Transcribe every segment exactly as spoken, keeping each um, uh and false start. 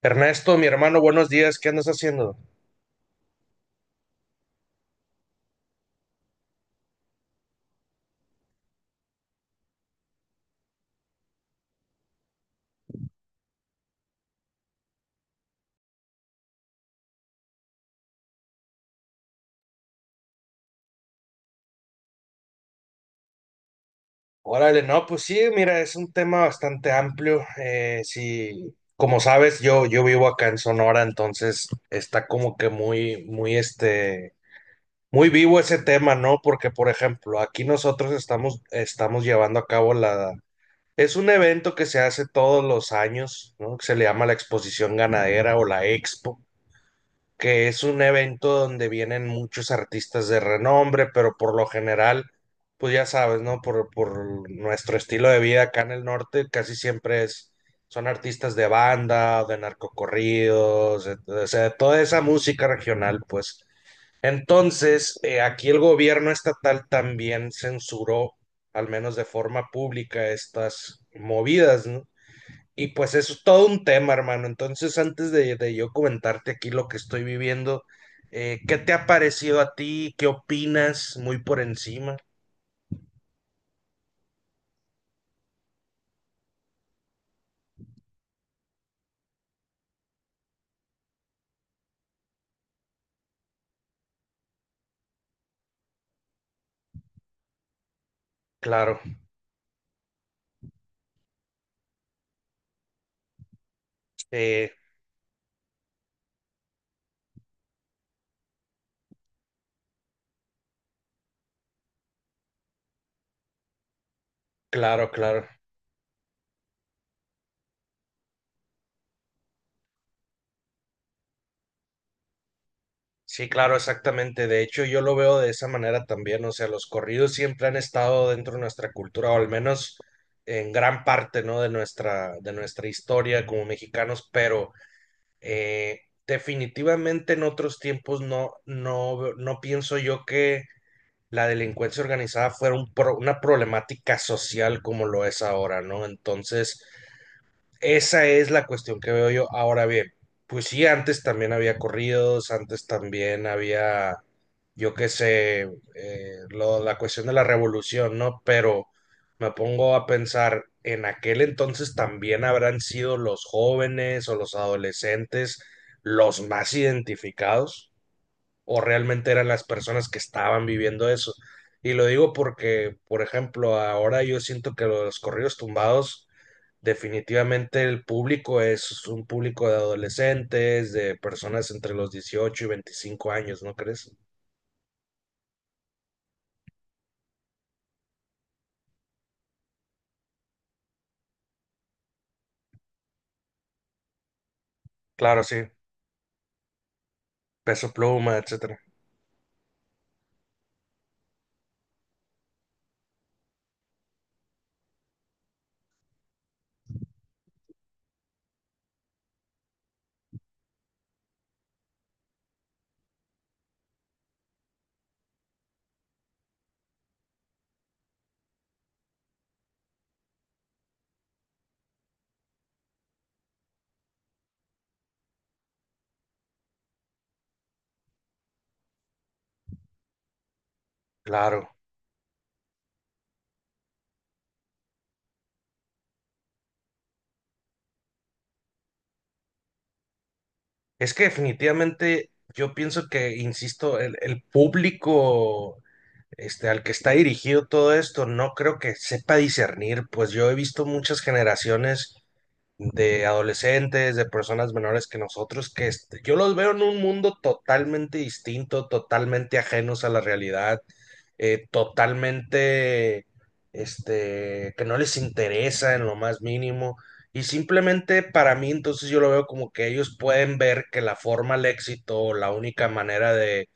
Ernesto, mi hermano, buenos días, ¿qué andas haciendo? Órale, no, pues sí, mira, es un tema bastante amplio. Eh, sí, como sabes, yo, yo vivo acá en Sonora, entonces está como que muy, muy, este, muy vivo ese tema, ¿no? Porque, por ejemplo, aquí nosotros estamos, estamos llevando a cabo la... Es un evento que se hace todos los años, ¿no? Que se le llama la Exposición Ganadera o la Expo, que es un evento donde vienen muchos artistas de renombre, pero por lo general, pues ya sabes, ¿no? Por, por nuestro estilo de vida acá en el norte, casi siempre es, son artistas de banda, o de narcocorridos, de- o sea, de toda esa música regional, pues. Entonces, eh, aquí el gobierno estatal también censuró, al menos de forma pública, estas movidas, ¿no? Y pues eso es todo un tema, hermano. Entonces, antes de, de yo comentarte aquí lo que estoy viviendo, eh, ¿qué te ha parecido a ti? ¿Qué opinas? Muy por encima. Claro, eh, claro, claro. Sí, claro, exactamente. De hecho, yo lo veo de esa manera también. O sea, los corridos siempre han estado dentro de nuestra cultura, o al menos en gran parte, ¿no? De nuestra, de nuestra historia como mexicanos, pero eh, definitivamente en otros tiempos no, no, no pienso yo que la delincuencia organizada fuera un pro- una problemática social como lo es ahora, ¿no? Entonces, esa es la cuestión que veo yo. Ahora bien, pues sí, antes también había corridos, antes también había, yo qué sé, eh, lo- la cuestión de la revolución, ¿no? Pero me pongo a pensar, en aquel entonces también habrán sido los jóvenes o los adolescentes los más identificados o realmente eran las personas que estaban viviendo eso. Y lo digo porque, por ejemplo, ahora yo siento que los corridos tumbados, definitivamente el público es un público de adolescentes, de personas entre los dieciocho y veinticinco años, ¿no crees? Claro, sí, Peso Pluma, etcétera. Claro. Es que definitivamente yo pienso que, insisto, el, el público este, al que está dirigido todo esto, no creo que sepa discernir, pues yo he visto muchas generaciones de adolescentes, de personas menores que nosotros, que est- yo los veo en un mundo totalmente distinto, totalmente ajenos a la realidad, eh, totalmente, este, que no les interesa en lo más mínimo. Y simplemente para mí, entonces yo lo veo como que ellos pueden ver que la forma al éxito, la única manera de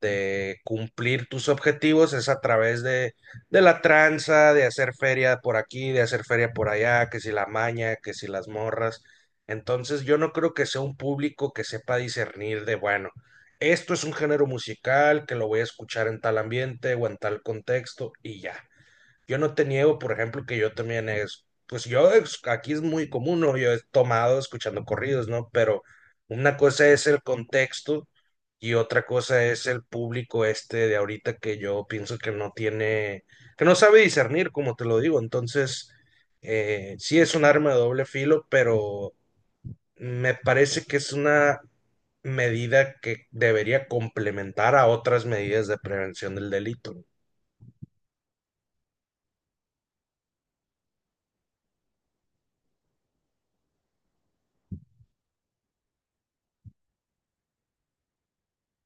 de cumplir tus objetivos es a través de, de la tranza, de hacer feria por aquí, de hacer feria por allá, que si la maña, que si las morras. Entonces yo no creo que sea un público que sepa discernir de, bueno, esto es un género musical que lo voy a escuchar en tal ambiente o en tal contexto y ya. Yo no te niego, por ejemplo, que yo también es, pues yo es- aquí es muy común, ¿no? Yo he tomado escuchando corridos, ¿no? Pero una cosa es el contexto y otra cosa es el público este de ahorita que yo pienso que no tiene, que no sabe discernir, como te lo digo. Entonces, eh, sí es un arma de doble filo, pero me parece que es una medida que debería complementar a otras medidas de prevención del delito.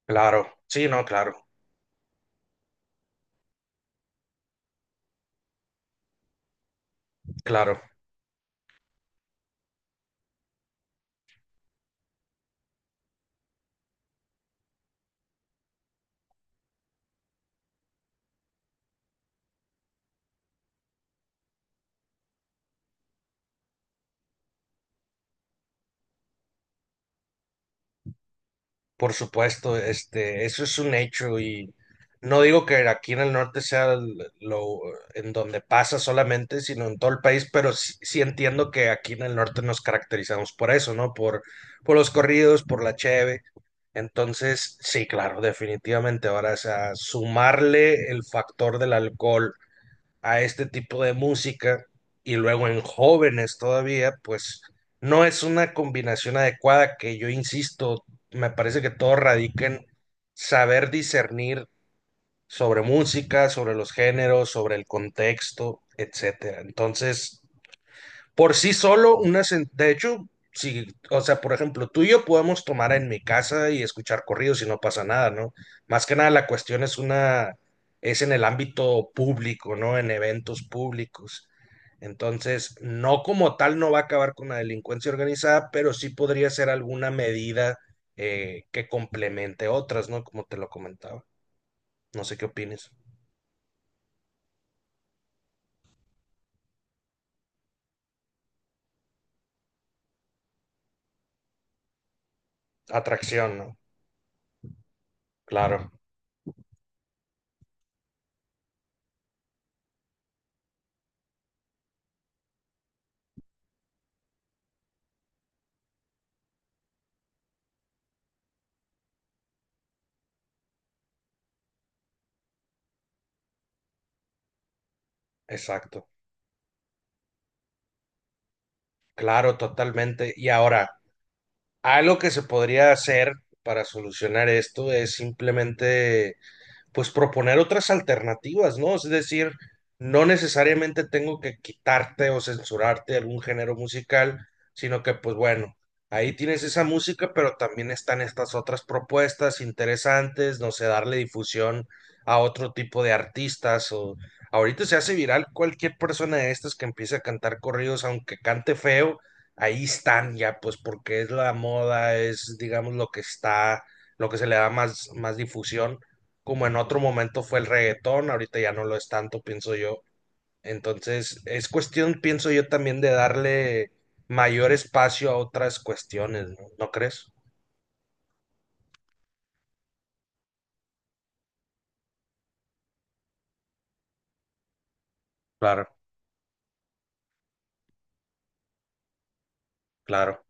Claro, sí, no, claro, claro. Por supuesto, este, eso es un hecho y no digo que aquí en el norte sea el- lo en donde pasa solamente, sino en todo el país, pero sí, sí entiendo que aquí en el norte nos caracterizamos por eso, ¿no? Por, por los corridos, por la cheve. Entonces, sí, claro, definitivamente. Ahora, o sea, sumarle el factor del alcohol a este tipo de música y luego en jóvenes todavía, pues no es una combinación adecuada que yo insisto, me parece que todo radica en saber discernir sobre música, sobre los géneros, sobre el contexto, etcétera. Entonces, por sí solo, una, sen- de hecho, si, o sea, por ejemplo, tú y yo podemos tomar en mi casa y escuchar corridos y no pasa nada, ¿no? Más que nada la cuestión es una, es en el ámbito público, ¿no? En eventos públicos. Entonces, no como tal no va a acabar con la delincuencia organizada, pero sí podría ser alguna medida eh, que complemente otras, ¿no? Como te lo comentaba. No sé qué opines. Atracción, ¿no? Claro, exacto. Claro, totalmente. Y ahora, algo que se podría hacer para solucionar esto es simplemente pues proponer otras alternativas, ¿no? Es decir, no necesariamente tengo que quitarte o censurarte algún género musical, sino que pues bueno, ahí tienes esa música, pero también están estas otras propuestas interesantes, no sé, darle difusión a otro tipo de artistas o ahorita se hace viral cualquier persona de estas que empiece a cantar corridos, aunque cante feo, ahí están ya, pues porque es la moda, es digamos lo que está, lo que se le da más, más difusión como en otro momento fue el reggaetón, ahorita ya no lo es tanto, pienso yo. Entonces, es cuestión, pienso yo, también de darle mayor espacio a otras cuestiones, ¿no? ¿No crees? Claro, claro.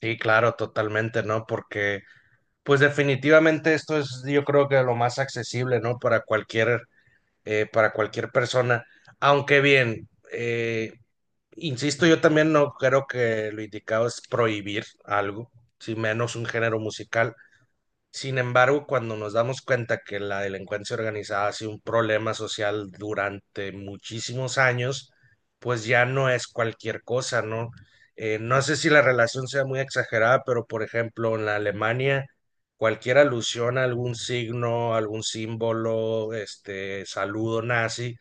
Sí, claro, totalmente, ¿no? Porque, pues definitivamente esto es, yo creo que lo más accesible, ¿no? Para cualquier, eh, para cualquier persona. Aunque bien, eh, insisto, yo también no creo que lo indicado es prohibir algo, si menos un género musical. Sin embargo, cuando nos damos cuenta que la delincuencia organizada ha sido un problema social durante muchísimos años, pues ya no es cualquier cosa, ¿no? Eh, no sé si la relación sea muy exagerada, pero por ejemplo, en la Alemania, cualquier alusión a algún signo, algún símbolo, este, saludo nazi,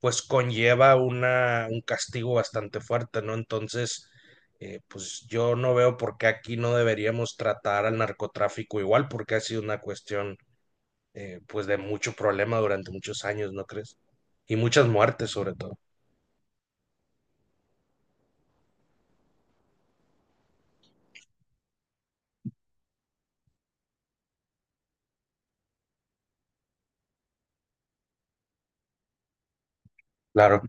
pues conlleva una, un castigo bastante fuerte, ¿no? Entonces, eh, pues yo no veo por qué aquí no deberíamos tratar al narcotráfico igual, porque ha sido una cuestión eh, pues de mucho problema durante muchos años, ¿no crees? Y muchas muertes sobre todo. Claro,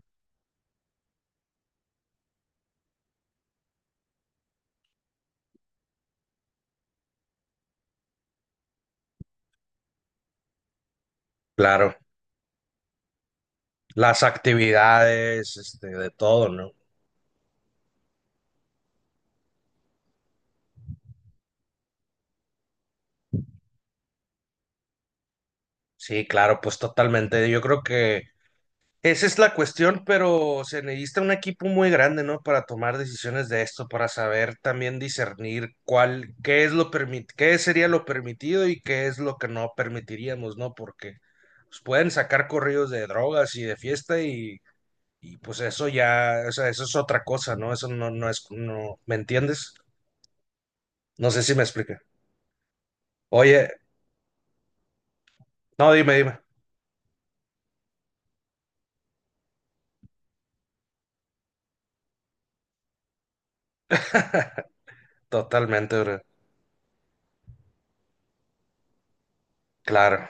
claro. Las actividades, este, de todo, ¿no? Sí, claro, pues totalmente. Yo creo que esa es la cuestión, pero se necesita un equipo muy grande, ¿no? Para tomar decisiones de esto, para saber también discernir cuál, qué es lo permit, qué sería lo permitido y qué es lo que no permitiríamos, ¿no? Porque pues, pueden sacar corridos de drogas y de fiesta y, y, pues eso ya, o sea, eso es otra cosa, ¿no? Eso no, no es, no, ¿me entiendes? No sé si me expliqué. Oye, no, dime, dime. Totalmente, bro. Claro.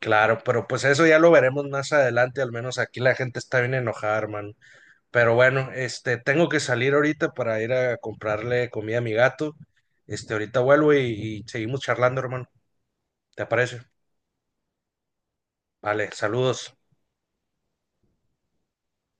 Claro, pero pues eso ya lo veremos más adelante, al menos aquí la gente está bien enojada, hermano. Pero bueno, este, tengo que salir ahorita para ir a comprarle comida a mi gato. Este, ahorita vuelvo y, y seguimos charlando, hermano. ¿Te parece? Vale, saludos.